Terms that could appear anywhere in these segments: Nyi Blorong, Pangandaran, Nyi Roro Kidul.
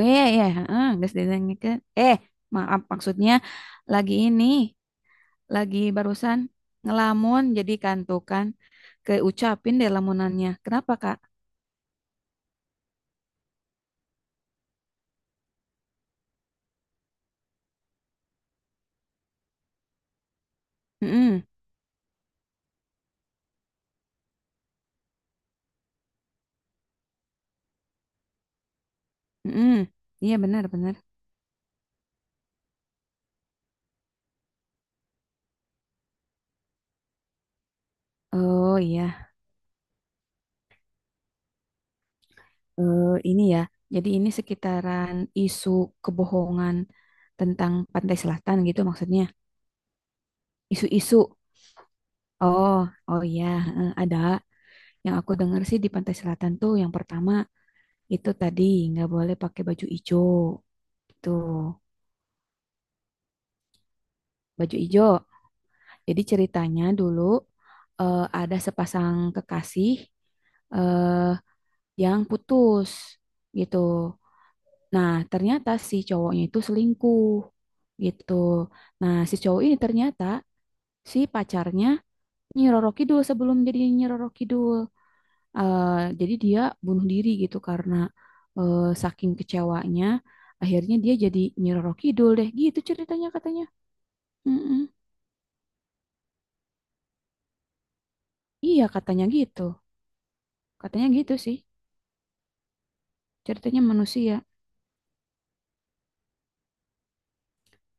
Iya, iya, iya, heeh, geus didenengkeun. Maaf, maksudnya lagi ini, lagi barusan ngelamun jadi kantukan keucapin deh lamunannya. Kenapa, Kak? Heeh, heeh. Iya, benar, benar. Oh, iya. Ini ya. Jadi ini sekitaran isu kebohongan tentang Pantai Selatan gitu maksudnya. Isu-isu. Oh, oh iya, heeh, ada. Yang aku dengar sih di Pantai Selatan tuh yang pertama itu tadi nggak boleh pakai baju hijau. Gitu. Baju hijau. Jadi ceritanya dulu ada sepasang kekasih eh yang putus gitu. Nah, ternyata si cowoknya itu selingkuh gitu. Nah, si cowok ini ternyata si pacarnya Nyi Roro Kidul sebelum jadi Nyi Roro Kidul. Eh, jadi dia bunuh diri gitu karena eh, saking kecewanya, akhirnya dia jadi Nyi Roro Kidul deh, gitu ceritanya katanya. Mm-mm. Iya katanya gitu sih, ceritanya manusia.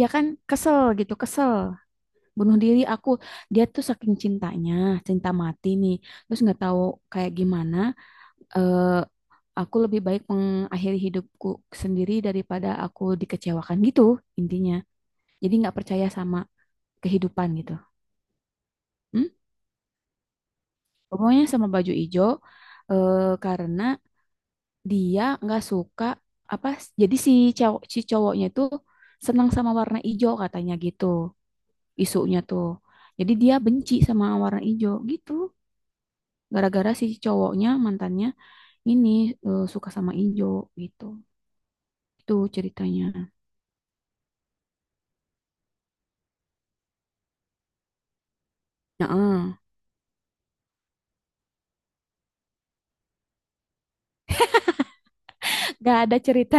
Ya kan kesel gitu, kesel, bunuh diri aku. Dia tuh saking cintanya, cinta mati nih, terus nggak tahu kayak gimana. eh aku lebih baik mengakhiri hidupku sendiri daripada aku dikecewakan gitu intinya. Jadi nggak percaya sama kehidupan gitu. Hmm? Pokoknya sama baju ijo, eh, karena dia nggak suka apa, jadi si cowok si cowoknya itu senang sama warna ijo katanya gitu isunya tuh. Jadi dia benci sama warna ijo gitu. Gara-gara si cowoknya mantannya ini suka sama ijo gitu. Itu ceritanya. Nah, nggak ada cerita,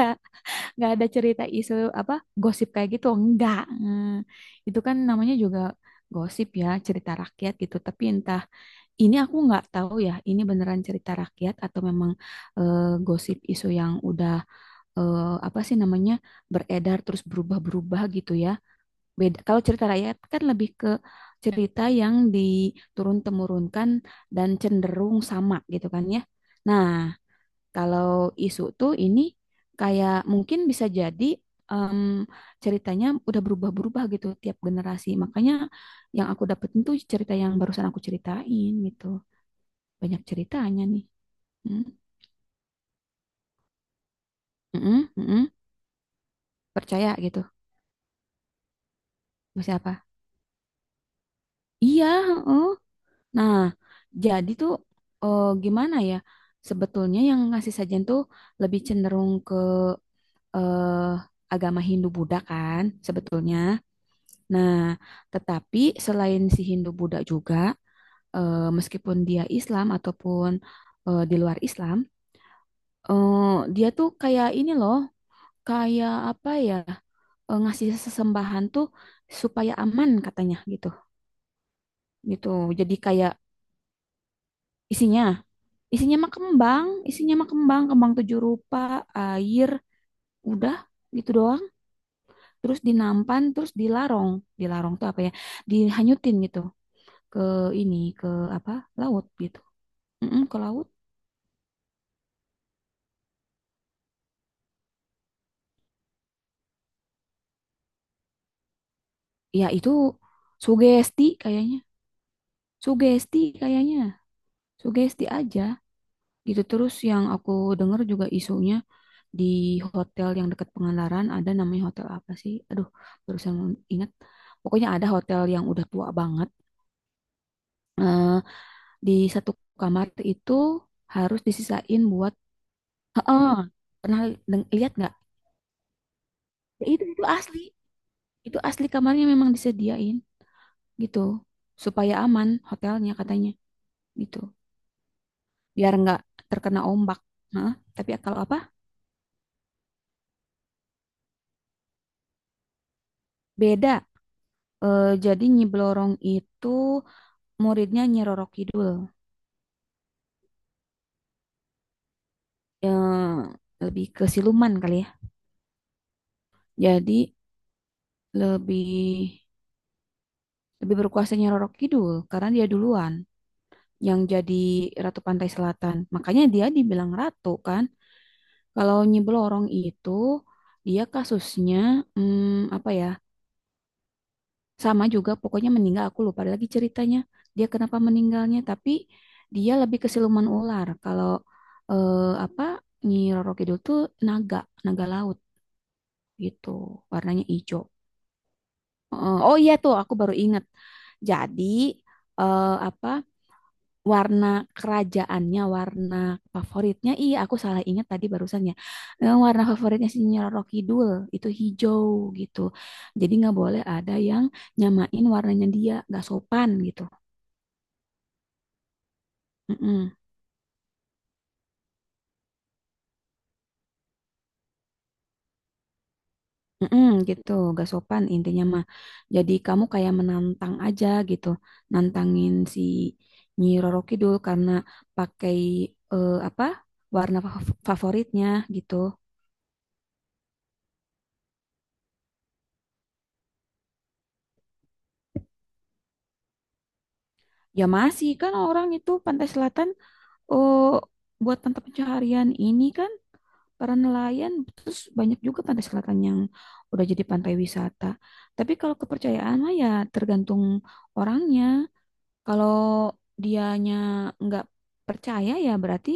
nggak ada cerita isu apa gosip kayak gitu. Enggak. Itu kan namanya juga gosip ya, cerita rakyat gitu. Tapi entah, ini aku nggak tahu ya, ini beneran cerita rakyat atau memang eh, gosip isu yang udah apa sih namanya, beredar terus berubah-berubah gitu ya. Beda. Kalau cerita rakyat kan lebih ke cerita yang diturun-temurunkan dan cenderung sama gitu kan ya. Nah, kalau isu tuh ini kayak mungkin bisa jadi em, ceritanya udah berubah-berubah gitu tiap generasi. Makanya yang aku dapetin tuh cerita yang barusan aku ceritain gitu, banyak ceritanya nih. Hmm, mm-mm, mm-mm. Percaya gitu. Masih apa? Iya, heeh. Nah, jadi tuh gimana ya? Sebetulnya yang ngasih sajian tuh lebih cenderung ke eh, agama Hindu-Buddha kan sebetulnya. Nah, tetapi selain si Hindu-Buddha juga, meskipun dia Islam ataupun di luar Islam, eh, dia tuh kayak ini loh, kayak apa ya? Ngasih sesembahan tuh supaya aman katanya gitu, gitu jadi kayak isinya, isinya mah kembang, isinya mah kembang, kembang tujuh rupa, air, udah, gitu doang, terus dinampan terus dilarong, dilarong tuh apa ya, dihanyutin gitu ke ini, ke apa, laut gitu. Mm-mm, ke laut. Ya itu sugesti kayaknya, sugesti kayaknya, sugesti aja gitu. Terus yang aku dengar juga isunya di hotel yang dekat Pangandaran, ada namanya hotel apa sih? Aduh, barusan ingat. Pokoknya ada hotel yang udah tua banget. Eh, di satu kamar itu harus disisain buat, heeh. Pernah lihat nggak? Ya itu asli. Itu asli kamarnya memang disediain gitu. Supaya aman hotelnya katanya gitu. Biar nggak terkena ombak. Hah? Tapi kalau apa? Beda. Jadi Nyi Blorong itu muridnya Nyi Roro Kidul. Yang lebih ke siluman kali ya. Jadi lebih, lebih berkuasanya Roro Kidul karena dia duluan yang jadi Ratu Pantai Selatan. Makanya dia dibilang ratu kan. Kalau Nyi Blorong itu dia kasusnya, hmm, apa ya? Sama juga pokoknya meninggal, aku lupa lagi ceritanya. Dia kenapa meninggalnya, tapi dia lebih ke siluman ular. Kalau eh, apa, Nyi Roro Kidul tuh naga, naga laut gitu. Warnanya hijau. Heeh. Oh iya tuh, aku baru ingat. Jadi apa, warna kerajaannya, warna favoritnya? Iya, aku salah ingat tadi barusan ya. Warna favoritnya si Roro Kidul itu hijau gitu. Jadi nggak boleh ada yang nyamain warnanya dia, nggak sopan gitu. Mm-mm. Mm-mm, gitu, gak sopan intinya mah. Jadi kamu kayak menantang aja gitu, nantangin si Nyi Roro Kidul karena pakai apa, warna favoritnya gitu. Ya masih kan orang itu Pantai Selatan, oh buat mata pencaharian ini kan para nelayan, terus banyak juga Pantai Selatan yang udah jadi pantai wisata. Tapi kalau kepercayaan mah ya tergantung orangnya. Kalau dianya nggak percaya ya berarti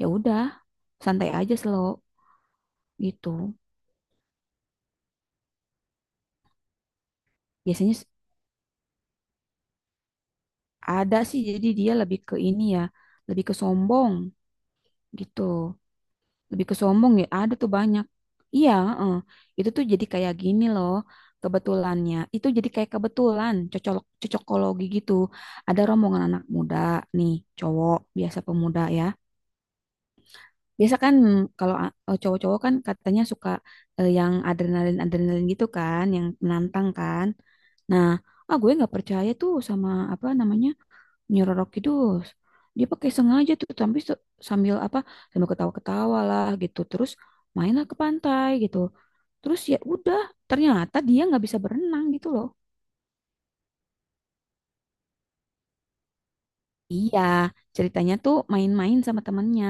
ya udah, santai aja, slow gitu. Biasanya ada sih, jadi dia lebih ke ini ya, lebih ke sombong gitu. Lebih ke sombong ya, ada tuh banyak. Iya, heeh. Itu tuh jadi kayak gini loh kebetulannya. Itu jadi kayak kebetulan cocok, cocokologi gitu. Ada rombongan anak muda nih, cowok biasa, pemuda ya. Biasa kan, mm, kalau cowok-cowok kan katanya suka yang adrenalin-adrenalin gitu kan, yang menantang kan. Nah, ah gue nggak percaya tuh sama apa namanya Nyeroro Kidul. Dia pakai sengaja tuh tapi sambil apa, sambil ketawa-ketawa lah gitu. Terus mainlah ke pantai gitu. Terus ya udah, ternyata dia nggak bisa berenang gitu loh. Iya, ceritanya tuh main-main sama temennya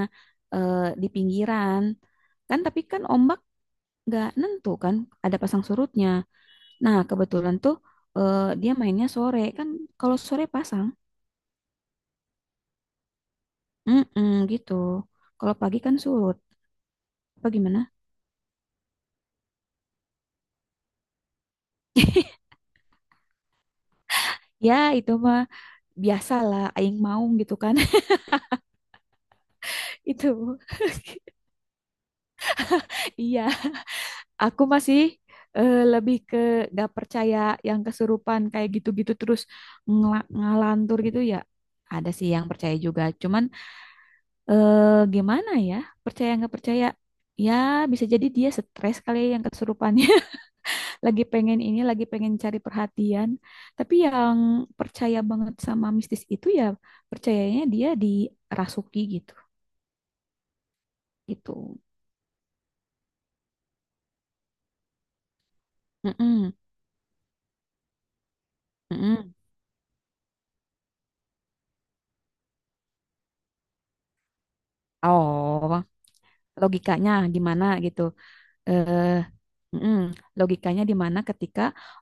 eh, di pinggiran. Kan tapi kan ombak nggak nentu kan, ada pasang surutnya. Nah, kebetulan tuh dia mainnya sore kan, kalau sore pasang, mm gitu. Kalau pagi kan surut. Apa gimana? Ya, itu mah biasalah aing maung gitu kan. Itu. Iya, aku masih lebih ke gak percaya yang kesurupan kayak gitu-gitu terus ngalantur gitu ya. Ada sih yang percaya juga. Cuman eh, gimana ya? Percaya nggak percaya? Ya bisa jadi dia stres kali ya yang kesurupannya. Lagi pengen ini, lagi pengen cari perhatian. Tapi yang percaya banget sama mistis itu ya percayanya dia dirasuki gitu. Gitu. Mm-mm, mm-mm. Oh, logikanya gimana gitu? Eh, mm-mm. Logikanya di mana ketika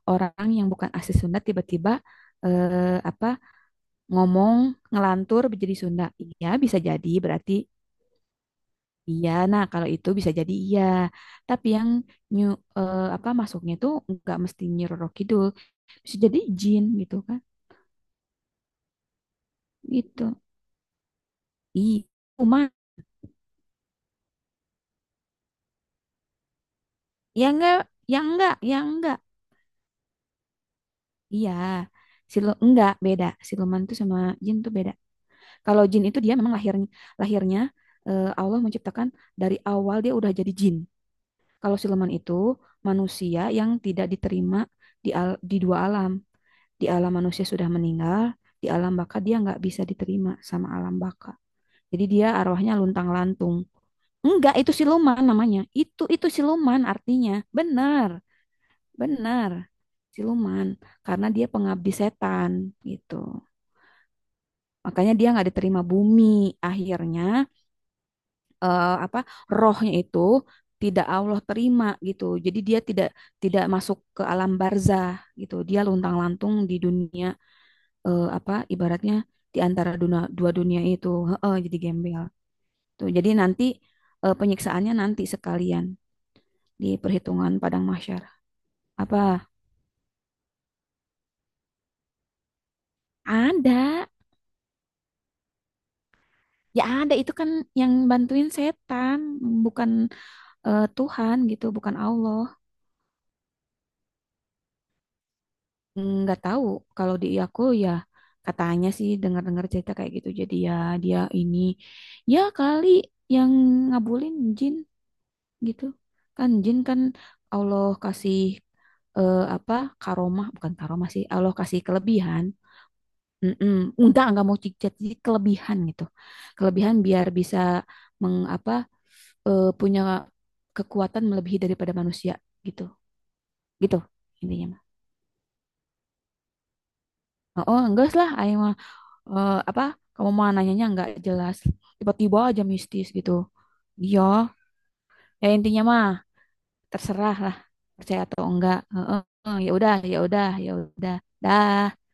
orang yang bukan asli Sunda tiba-tiba apa, ngomong, ngelantur menjadi Sunda. Iya, bisa jadi berarti iya. Nah, kalau itu bisa jadi iya. Tapi yang nyu, apa, masuknya tuh nggak mesti Nyi Roro Kidul. Bisa jadi jin gitu kan. Gitu. Iya. Cuma ya enggak, ya enggak, ya enggak. Iya. Enggak, beda. Siluman tuh sama jin tuh beda. Kalau jin itu dia memang lahirnya, lahirnya Allah menciptakan dari awal dia udah jadi jin. Kalau siluman itu manusia yang tidak diterima di, di dua alam. Di alam manusia sudah meninggal, di alam baka dia nggak bisa diterima sama alam baka. Jadi dia arwahnya luntang-lantung. Enggak, itu siluman namanya. Itu siluman artinya. Benar, benar. Siluman karena dia pengabdi setan gitu. Makanya dia nggak diterima bumi. Akhirnya apa, rohnya itu tidak Allah terima gitu. Jadi dia tidak, tidak masuk ke alam barzah gitu. Dia luntang-lantung di dunia, apa, ibaratnya di antara dunia, dua dunia itu. Heeh, jadi gembel. Tuh, jadi nanti penyiksaannya nanti sekalian di perhitungan padang mahsyar. Apa? Ada. Ya ada itu kan yang bantuin setan, bukan Tuhan gitu, bukan Allah. Nggak tahu, kalau di aku ya katanya sih dengar-dengar cerita kayak gitu jadi ya dia ini ya kali yang ngabulin jin gitu kan, jin kan Allah kasih apa, karomah, bukan karomah sih, Allah kasih kelebihan. Mm-mm. Enggak mau cicat, jadi kelebihan gitu. Kelebihan biar bisa mengapa punya kekuatan melebihi daripada manusia gitu. Gitu intinya mah. Oh, oh, enggak lah, ayo apa, kamu mau nanyanya nggak jelas, tiba-tiba aja mistis gitu. Iya, ya intinya mah terserah lah, percaya atau enggak. Heeh, ya udah, ya udah, ya udah, dah.